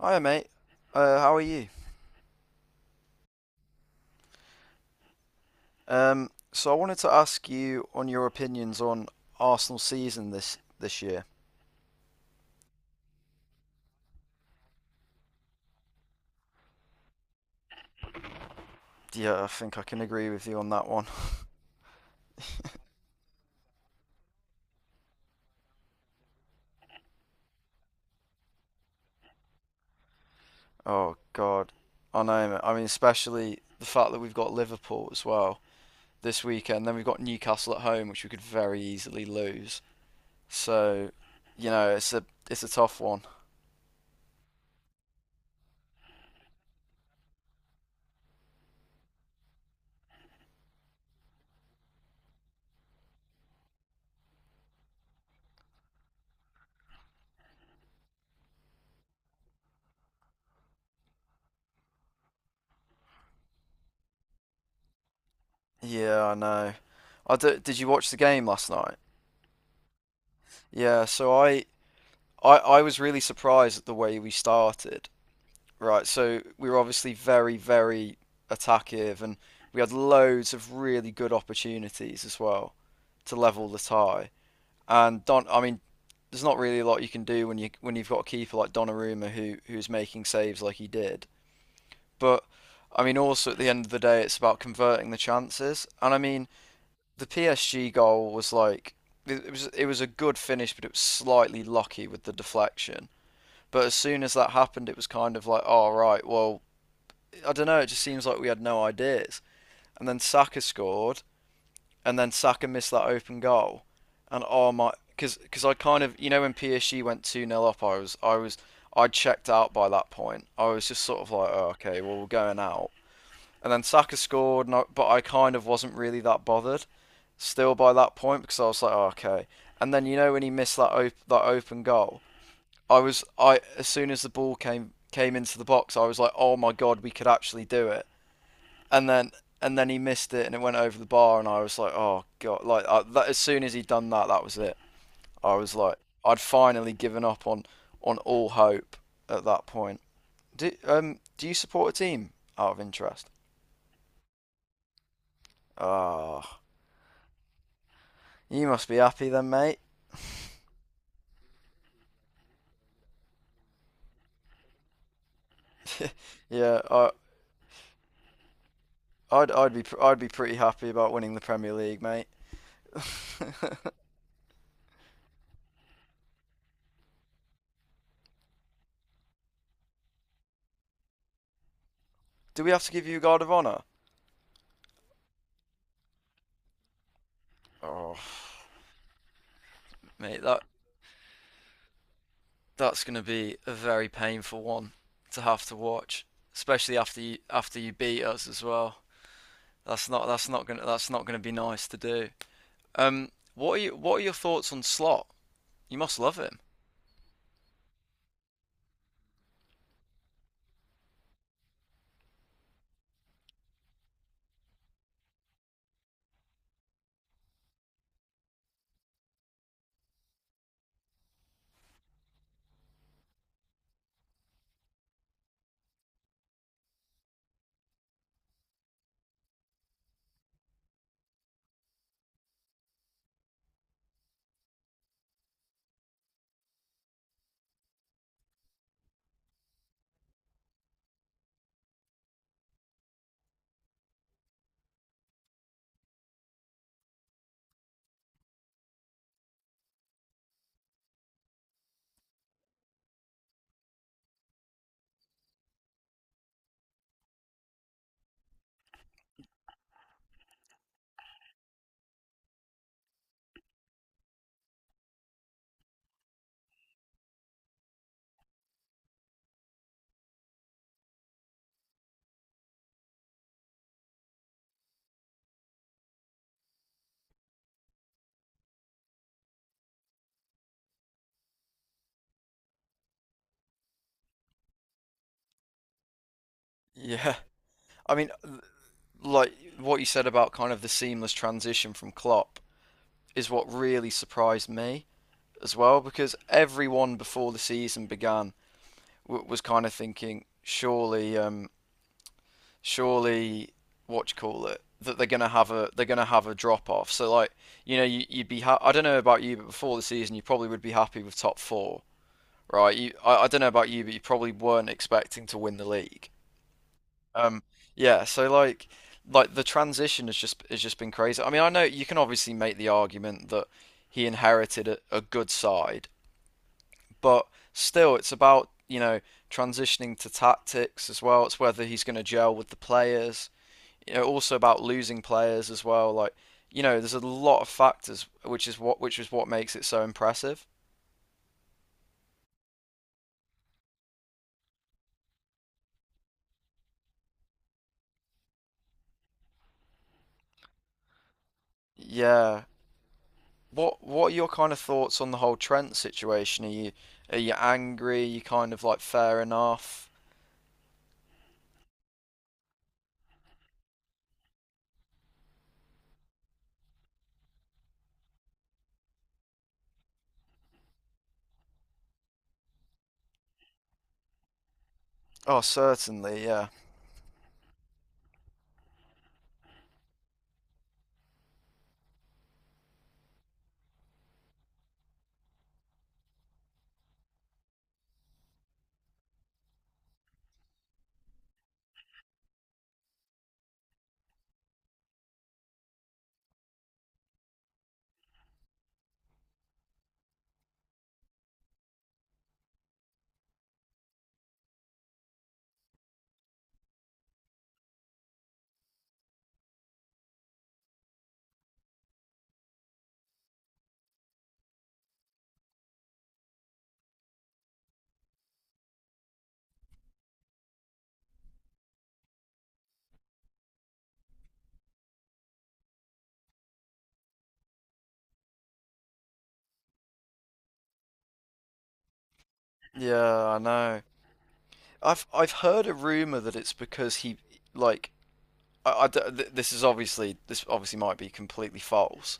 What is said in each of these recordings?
Hi, mate. How are you? So I wanted to ask you on your opinions on Arsenal season this year. Yeah, I think I can agree with you on that one. Oh God, I know, mate. I mean, especially the fact that we've got Liverpool as well this weekend. Then we've got Newcastle at home, which we could very easily lose. So, it's a it's a tough one. Yeah, I know. I d Did you watch the game last night? Yeah, so I, I was really surprised at the way we started. Right, so we were obviously very, very attackive, and we had loads of really good opportunities as well to level the tie. I mean, there's not really a lot you can do when you've got a keeper like Donnarumma who's making saves like he did. But I mean, also at the end of the day, it's about converting the chances. And I mean, the PSG goal was like it was a good finish, but it was slightly lucky with the deflection. But as soon as that happened, it was kind of like, oh right, well I don't know. It just seems like we had no ideas. And then Saka scored, and then Saka missed that open goal, and oh my, because I kind of, you know, when PSG went two nil up, I was, I checked out by that point. I was just sort of like, oh, okay, well we're going out. And then Saka scored, and I, But I kind of wasn't really that bothered still by that point because I was like, oh, okay. And then you know when he missed that open goal, I, as soon as the ball came into the box, I was like, oh my god, we could actually do it. And then he missed it and it went over the bar and I was like, oh god! As soon as he'd done that, that was it. I was like, I'd finally given up on all hope at that point. Do you support a team out of interest? Ah, oh, you must be happy then, mate. Yeah, I'd be I'd be pretty happy about winning the Premier League, mate. Do we have to give you a guard of honour? Oh, mate, that's going to be a very painful one to have to watch, especially after you beat us as well. That's not gonna be nice to do. What are you what are your thoughts on Slot? You must love him. Yeah, I mean, like what you said about kind of the seamless transition from Klopp is what really surprised me as well because everyone before the season began was kind of thinking surely, surely what you call it, that they're gonna have a drop off. So like, you know, you'd be I don't know about you, but before the season you probably would be happy with top four, right? I don't know about you, but you probably weren't expecting to win the league. Um, yeah. So like the transition has just been crazy. I mean, I know you can obviously make the argument that he inherited a good side, but still it's about, you know, transitioning to tactics as well. It's whether he's going to gel with the players, you know, also about losing players as well. Like, you know, there's a lot of factors, which is what makes it so impressive. Yeah. What are your kind of thoughts on the whole Trent situation? Are you angry? Are you kind of like fair enough? Oh, certainly, yeah. Yeah, I know. I've heard a rumor that it's because he, like, this is obviously, this obviously might be completely false,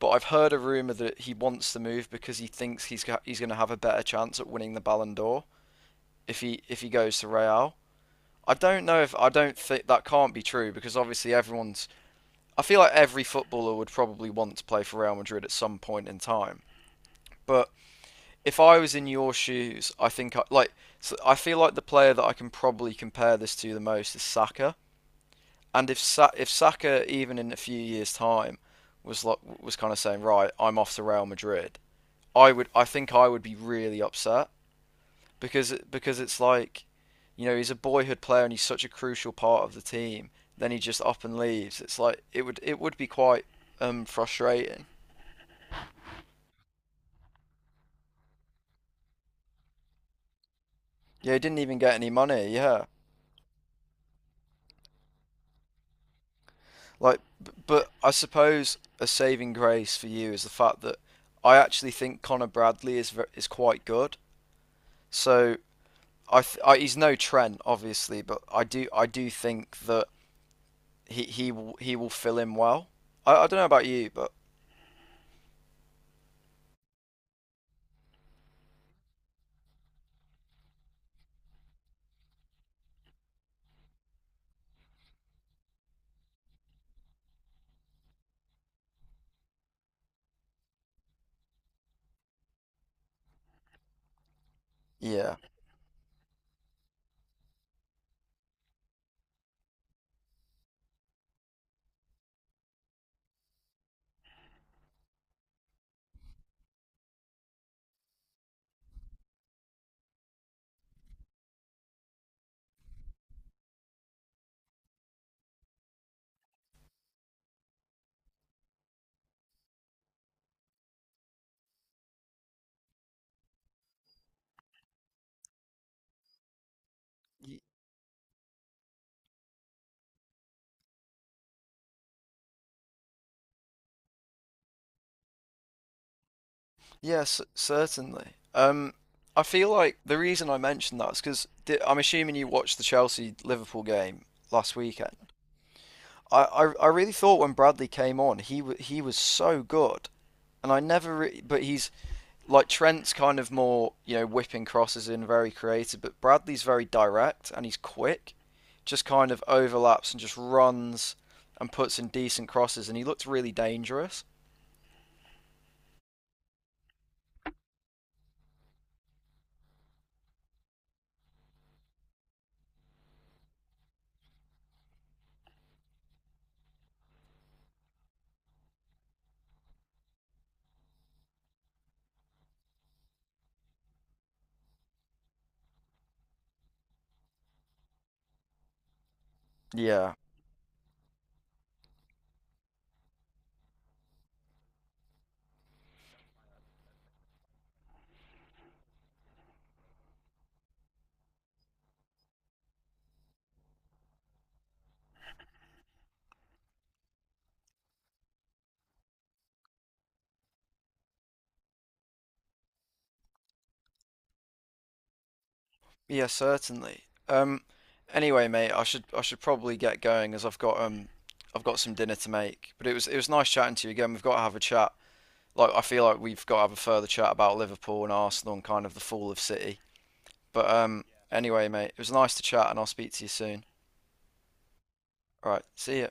but I've heard a rumor that he wants the move because he thinks he's going to have a better chance at winning the Ballon d'Or if he goes to Real. I don't think that can't be true because obviously everyone's. I feel like every footballer would probably want to play for Real Madrid at some point in time. But if I was in your shoes, I think I, like so I feel like the player that I can probably compare this to the most is Saka. And if Saka, even in a few years time, was like, was kind of saying, right, I'm off to Real Madrid, I think I would be really upset because it's like, you know, he's a boyhood player and he's such a crucial part of the team. Then he just up and leaves. It's like it would, be quite frustrating. Yeah, he didn't even get any money. Yeah, like, but I suppose a saving grace for you is the fact that I actually think Connor Bradley is quite good. So I, th- I he's no Trent obviously, but I do think that he will fill in well. I don't know about you, but yeah. Y- Yeah, c certainly. I feel like the reason I mentioned that is because I'm assuming you watched the Chelsea Liverpool game last weekend. I really thought when Bradley came on, he was so good, and I never re but he's like, Trent's kind of more, you know, whipping crosses in, very creative, but Bradley's very direct and he's quick, just kind of overlaps and just runs and puts in decent crosses, and he looked really dangerous. Yeah. Yeah, certainly. Um, anyway, mate, I should probably get going as I've got some dinner to make. But it was nice chatting to you again. We've got to have a chat. Like I feel like we've got to have a further chat about Liverpool and Arsenal and kind of the fall of City. But anyway, mate, it was nice to chat, and I'll speak to you soon. All right, see ya.